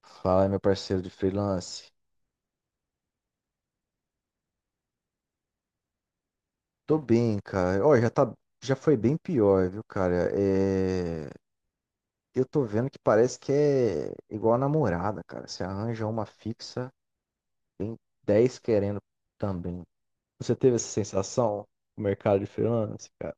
Fala, meu parceiro de freelance. Tô bem, cara. Ó, já tá, já foi bem pior, viu, cara? É, eu tô vendo que parece que é igual a namorada, cara. Você arranja uma fixa, tem 10 querendo também. Você teve essa sensação no mercado de freelance, cara?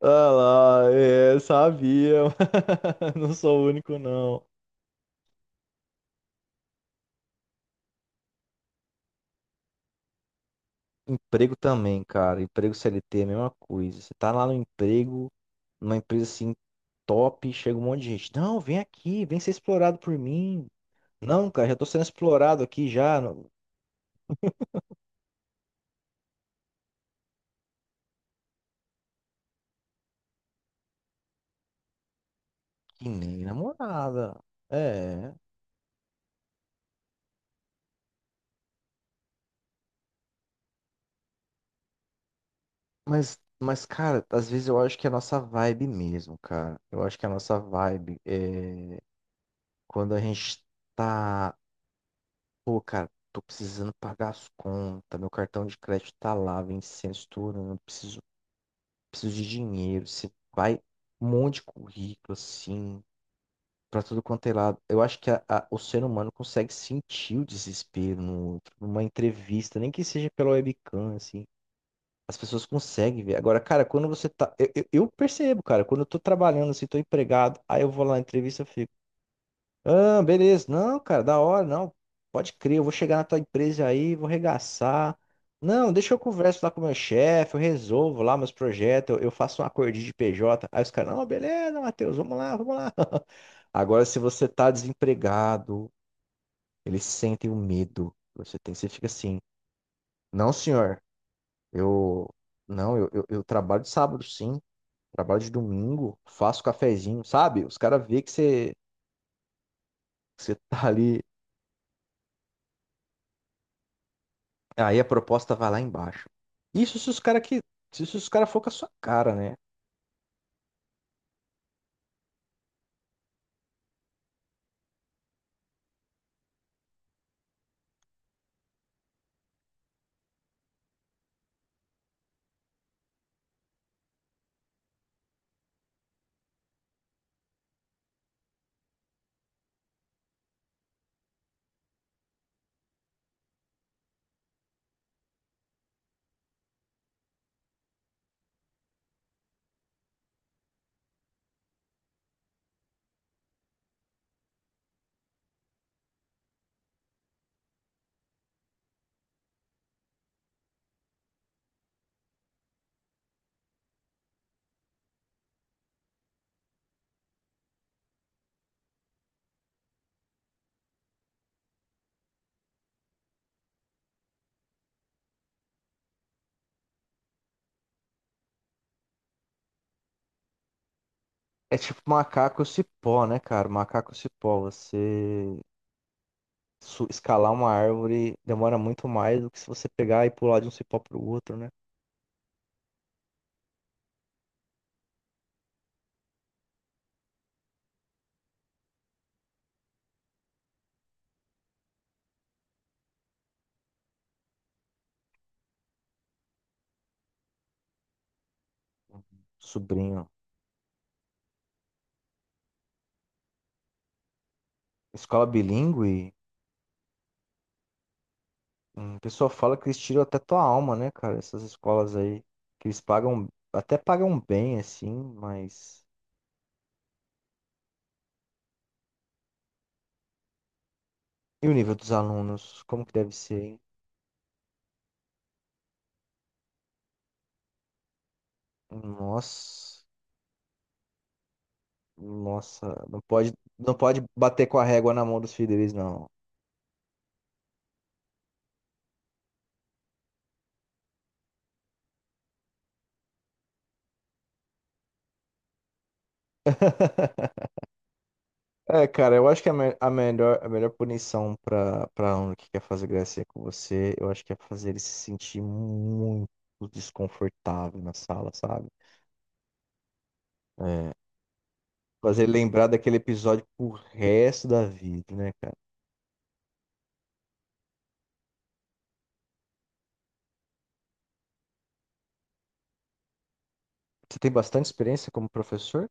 Ah lá, é, sabia. Mas não sou o único não. Emprego também, cara. Emprego CLT é a mesma coisa. Você tá lá no emprego, numa empresa assim top, chega um monte de gente. Não, vem aqui, vem ser explorado por mim. Não, cara, já tô sendo explorado aqui já. Não. Que nem namorada. É. Mas, cara, às vezes eu acho que é a nossa vibe mesmo, cara. Eu acho que é a nossa vibe é quando a gente tá. Pô, cara, tô precisando pagar as contas. Meu cartão de crédito tá lá, vencendo, estourando. Preciso de dinheiro. Você vai. Um monte de currículo, assim. Pra tudo quanto é lado. Eu acho que o ser humano consegue sentir o desespero no outro, numa entrevista, nem que seja pela webcam, assim. As pessoas conseguem ver. Agora, cara, quando você tá. Eu percebo, cara, quando eu tô trabalhando, assim, tô empregado, aí eu vou lá na entrevista, eu fico. Ah, beleza. Não, cara, da hora, não. Pode crer, eu vou chegar na tua empresa aí, vou arregaçar. Não, deixa eu converso lá com o meu chefe, eu resolvo lá meus projetos, eu faço um acordinho de PJ. Aí os caras, não, beleza, Matheus, vamos lá, vamos lá. Agora, se você tá desempregado, eles sentem o medo. Você tem, você fica assim, não, senhor, eu, não, eu trabalho de sábado, sim, trabalho de domingo, faço cafezinho, sabe? Os caras veem que você tá ali. Aí a proposta vai lá embaixo. Isso se os cara que, isso se os cara for com a sua cara, né? É tipo macaco cipó, né, cara? Macaco cipó, você escalar uma árvore demora muito mais do que se você pegar e pular de um cipó pro outro, né? Sobrinho. Escola bilíngue, o pessoal fala que eles tiram até tua alma, né, cara? Essas escolas aí que eles pagam, até pagam bem assim, mas e o nível dos alunos, como que deve ser, hein? Nossa. Nossa, não pode bater com a régua na mão dos filhos deles, não. É, cara, eu acho que a melhor punição pra um que quer fazer gracinha com você, eu acho que é fazer ele se sentir muito desconfortável na sala, sabe? É, fazer ele lembrar daquele episódio pro resto da vida, né, cara? Você tem bastante experiência como professor?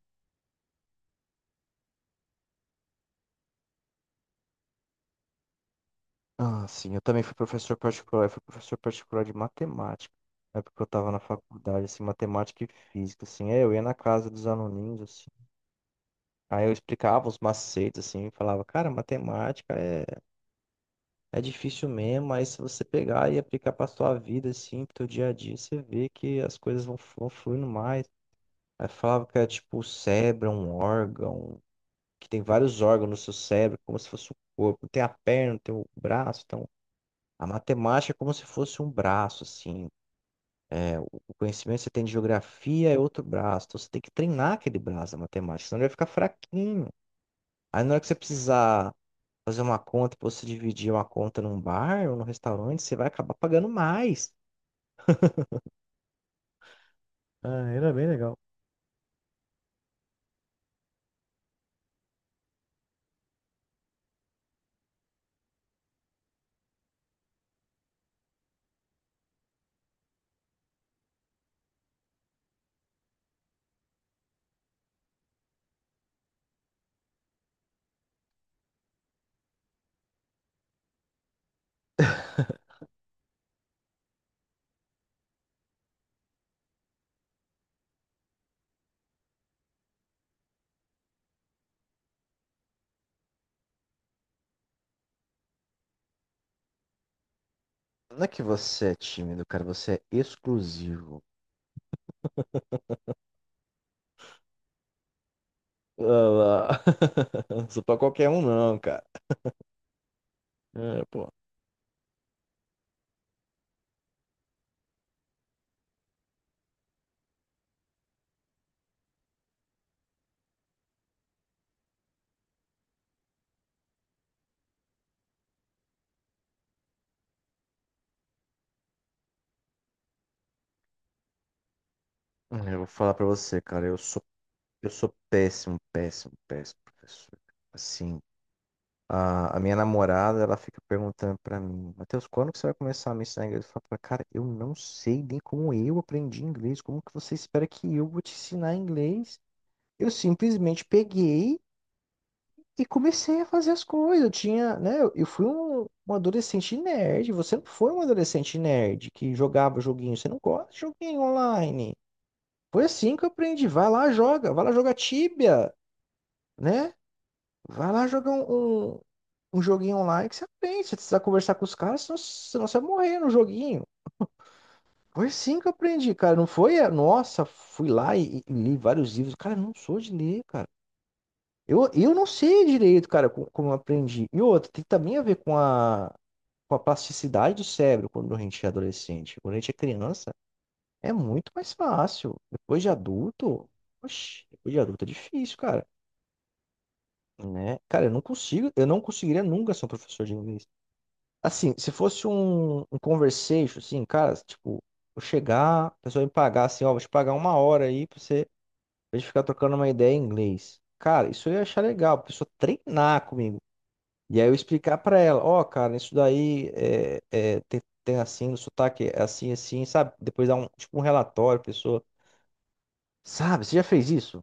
Ah, sim, eu também fui professor particular, eu fui professor particular de matemática. Na época que eu tava na faculdade, assim, matemática e física, assim, é, eu ia na casa dos aluninhos, assim. Aí eu explicava os macetes, assim, e falava, cara, matemática é, é difícil mesmo, mas se você pegar e aplicar pra sua vida, assim, pro teu dia a dia, você vê que as coisas vão, vão fluindo mais. Aí falava que é tipo o cérebro, é um órgão, que tem vários órgãos no seu cérebro, como se fosse o corpo, tem a perna, tem o braço, então a matemática é como se fosse um braço, assim. É, o conhecimento que você tem de geografia é outro braço, então você tem que treinar aquele braço da matemática, senão ele vai ficar fraquinho. Aí na hora que você precisar fazer uma conta pra você dividir uma conta num bar ou num restaurante, você vai acabar pagando mais. Ah, era bem legal. Não é que você é tímido, cara, você é exclusivo. Ah, não sou pra qualquer um, não, cara. É, pô. Eu vou falar pra você, cara, eu sou péssimo, péssimo, péssimo professor. Assim, a minha namorada, ela fica perguntando pra mim, Matheus, quando que você vai começar a me ensinar inglês? Eu falo pra ela, cara, eu não sei nem como eu aprendi inglês, como que você espera que eu vou te ensinar inglês? Eu simplesmente peguei e comecei a fazer as coisas. Eu tinha, né? Eu fui um, um adolescente nerd. Você não foi um adolescente nerd que jogava joguinho. Você não gosta de joguinho online. Foi assim que eu aprendi. Vai lá, joga. Vai lá jogar Tibia, né? Vai lá jogar um joguinho online que você aprende. Você precisa conversar com os caras, senão você vai morrer no joguinho. Foi assim que eu aprendi, cara. Não foi, é, nossa, fui lá e li vários livros. Cara, eu não sou de ler, cara. Eu não sei direito, cara, co- como, eu aprendi. E outra, tem também a ver com a plasticidade do cérebro quando a gente é adolescente. Quando a gente é criança, é muito mais fácil. Depois de adulto, oxe, depois de adulto é difícil, cara. Né? Cara, eu não consigo, eu não conseguiria nunca ser um professor de inglês. Assim, se fosse um conversation, assim, cara, tipo, eu chegar, a pessoa me pagar assim, ó, vou te pagar uma hora aí pra você, pra gente ficar trocando uma ideia em inglês. Cara, isso eu ia achar legal, a pessoa treinar comigo. E aí eu explicar pra ela, ó, cara, isso daí é, é, tem, tem assim, no sotaque é assim, assim, sabe? Depois dá um, tipo um relatório, a pessoa, sabe? Você já fez isso?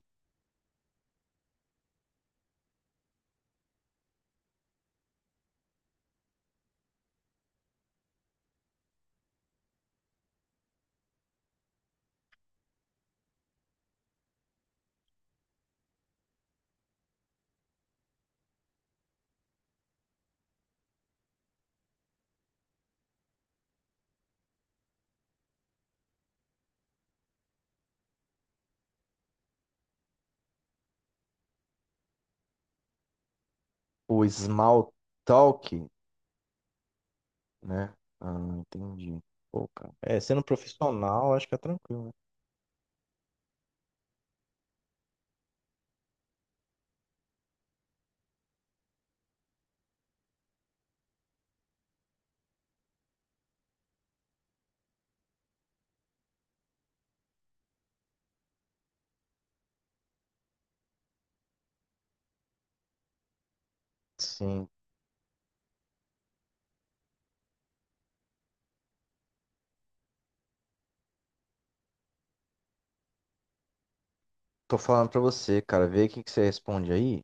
O small talk, né? Ah, não entendi. Pô, cara. É, sendo profissional, acho que é tranquilo, né? Sim. Tô falando pra você, cara, vê o que que você responde aí.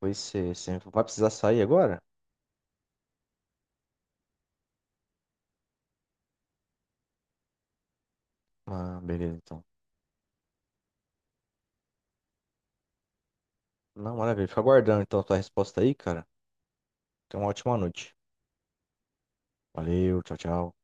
Pois você, você vai precisar sair agora? Ah, beleza, então. Não, maravilha. Fica aguardando, então, a tua resposta aí, cara. Tenha uma ótima noite. Valeu, tchau, tchau.